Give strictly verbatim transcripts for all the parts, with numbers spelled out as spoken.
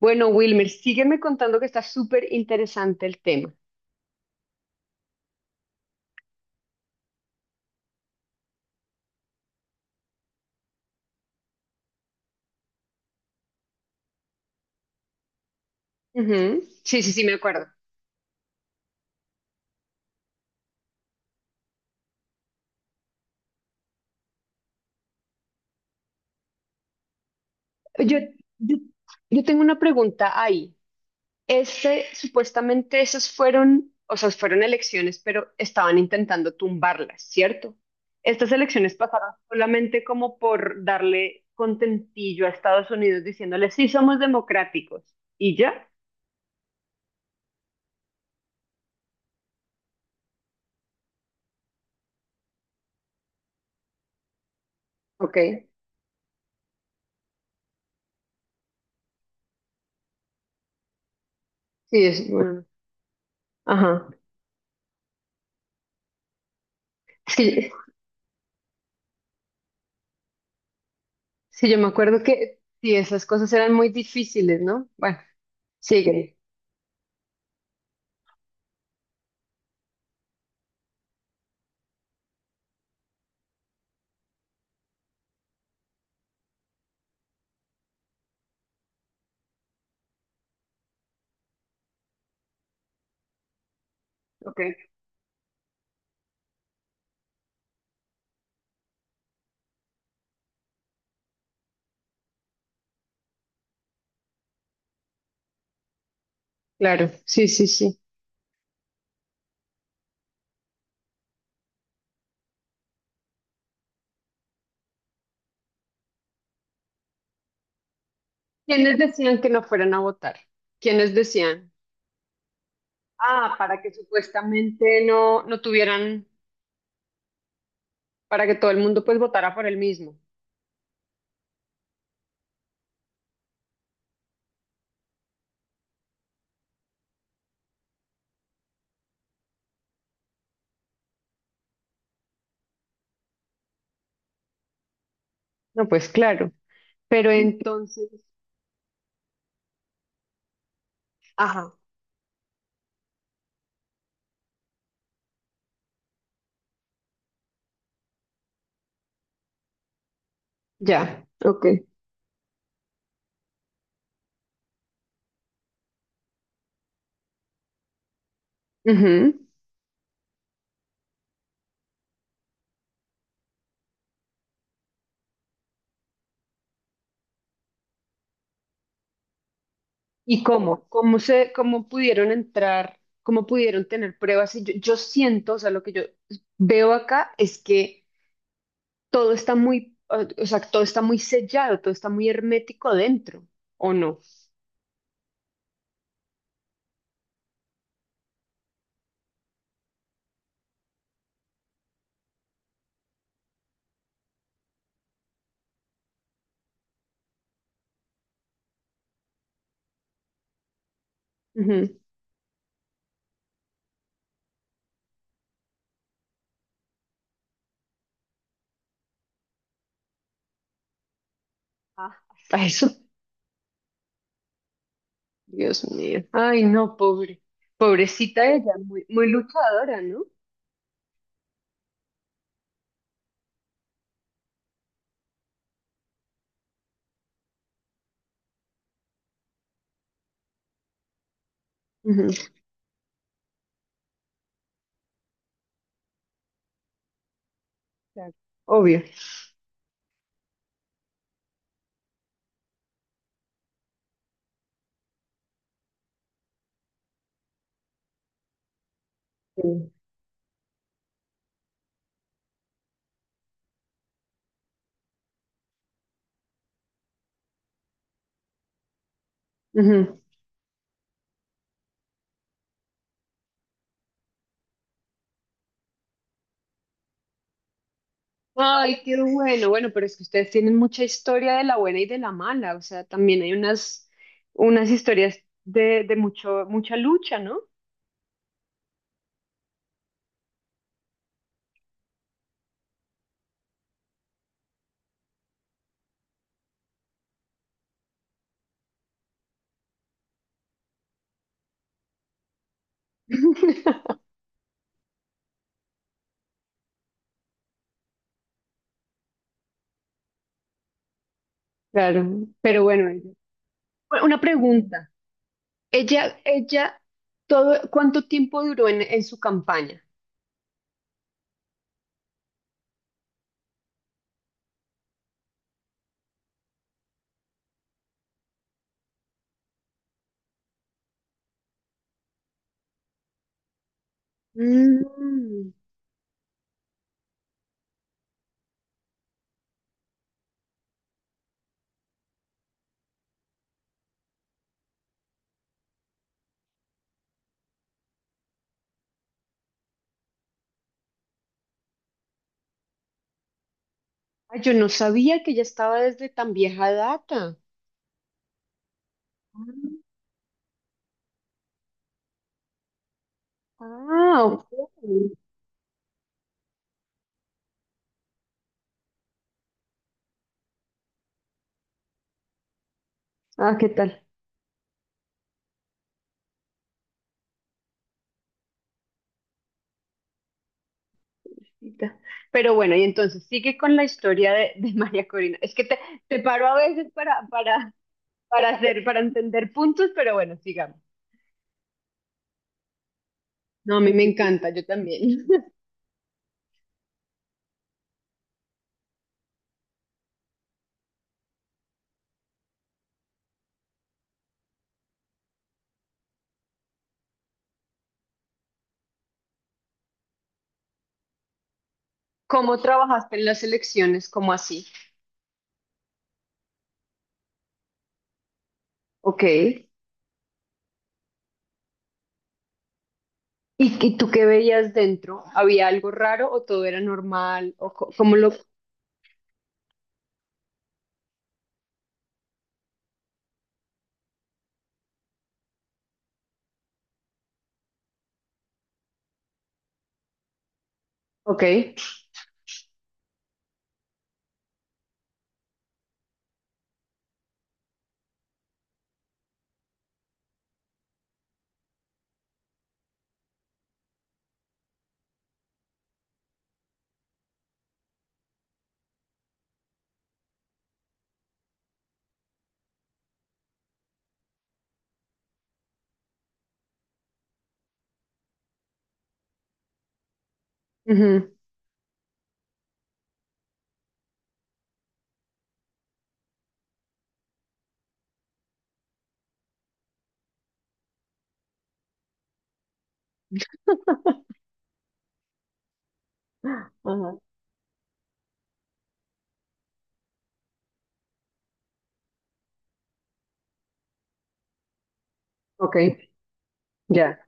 Bueno, Wilmer, sígueme contando que está súper interesante el tema. Ujú. Sí, sí, sí, me acuerdo. Yo, yo, yo tengo una pregunta ahí. Este, supuestamente esas fueron, o sea, fueron elecciones, pero estaban intentando tumbarlas, ¿cierto? Estas elecciones pasaron solamente como por darle contentillo a Estados Unidos diciéndole, sí, somos democráticos. ¿Y ya? Ok. Sí, es bueno. Ajá. Sí. Sí, yo me acuerdo que sí, esas cosas eran muy difíciles, ¿no? Bueno, sigue. Ok, claro, sí, sí, sí. ¿Quiénes decían que no fueran a votar? ¿Quiénes decían? Ah, para que supuestamente no, no tuvieran, para que todo el mundo pues votara por el mismo. No, pues claro. Pero entonces, ajá, ya, ok. Ujú. ¿Y cómo? ¿Cómo se, cómo pudieron entrar? ¿Cómo pudieron tener pruebas? Y yo, yo siento, o sea, lo que yo veo acá es que todo está muy, o sea, todo está muy sellado, todo está muy hermético dentro, ¿o no? Ujú. Ah, a eso. Dios mío. Ay, no, pobre. Pobrecita ella, muy, muy luchadora, ¿no? Ujú. Claro. Obvio. Sí. Ujú. Ay, qué bueno. Bueno, pero es que ustedes tienen mucha historia de la buena y de la mala. O sea, también hay unas, unas historias de, de mucho, mucha lucha, ¿no? Claro. Pero bueno, ella- Bueno, una pregunta. Ella, ella, todo, ¿cuánto tiempo duró en, en su campaña? Mm. Ay, yo no sabía que ella estaba desde tan vieja data. Ah, ok. Ah, ¿qué tal? Chiquita. Pero bueno, y entonces sigue con la historia de, de María Corina. Es que te, te paro a veces para, para, para hacer, para entender puntos, pero bueno, sigamos. No, a mí me encanta, yo también. ¿Cómo trabajaste en las elecciones? ¿Cómo así? Ok. ¿Y, y tú qué veías dentro? ¿Había algo raro o todo era normal? ¿O co- cómo lo...? Ok. Ujú. Ajá. Ok, ya,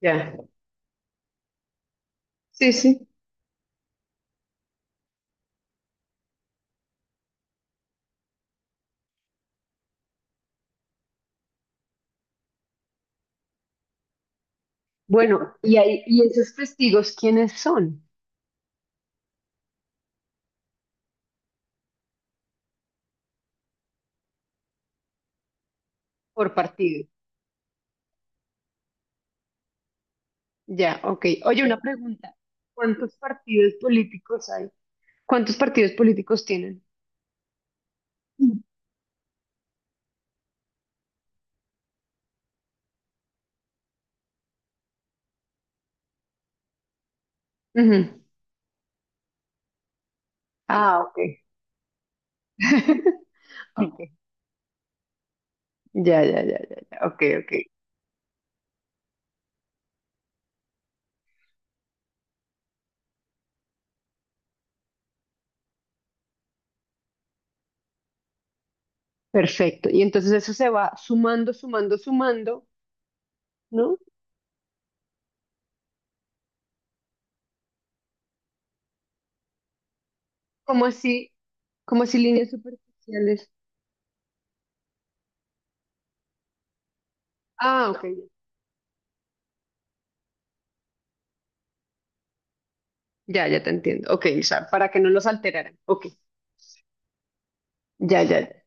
ya. Sí, sí. Bueno, y ahí, ¿y esos testigos quiénes son por partido? Ya, ok. Oye, una pregunta. ¿Cuántos partidos políticos hay? ¿Cuántos partidos políticos tienen? Mm. Ujú. Ah, ok. Ok. Ya, ya, ya, ya, ya. Ok, ok. Perfecto. Y entonces eso se va sumando, sumando, sumando, ¿no? ¿Como así? Como así, líneas superficiales. Ah, ok. Ya, ya te entiendo. Ok, o sea, para que no los alteraran. Ok. Ya, ya, ya.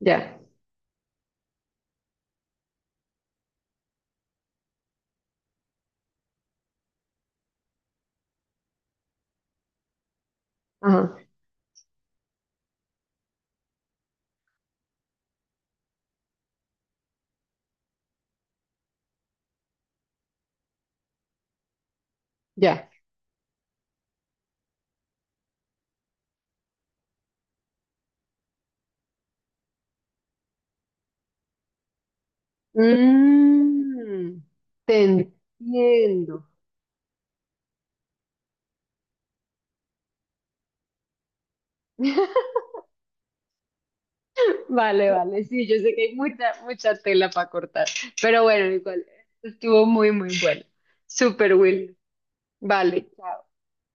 Ya. Ajá. Ya. Mm, te entiendo. Vale, vale. Sí, yo sé que hay mucha, mucha tela para cortar. Pero bueno, igual, estuvo muy, muy bueno. Super Will. Vale. Chao.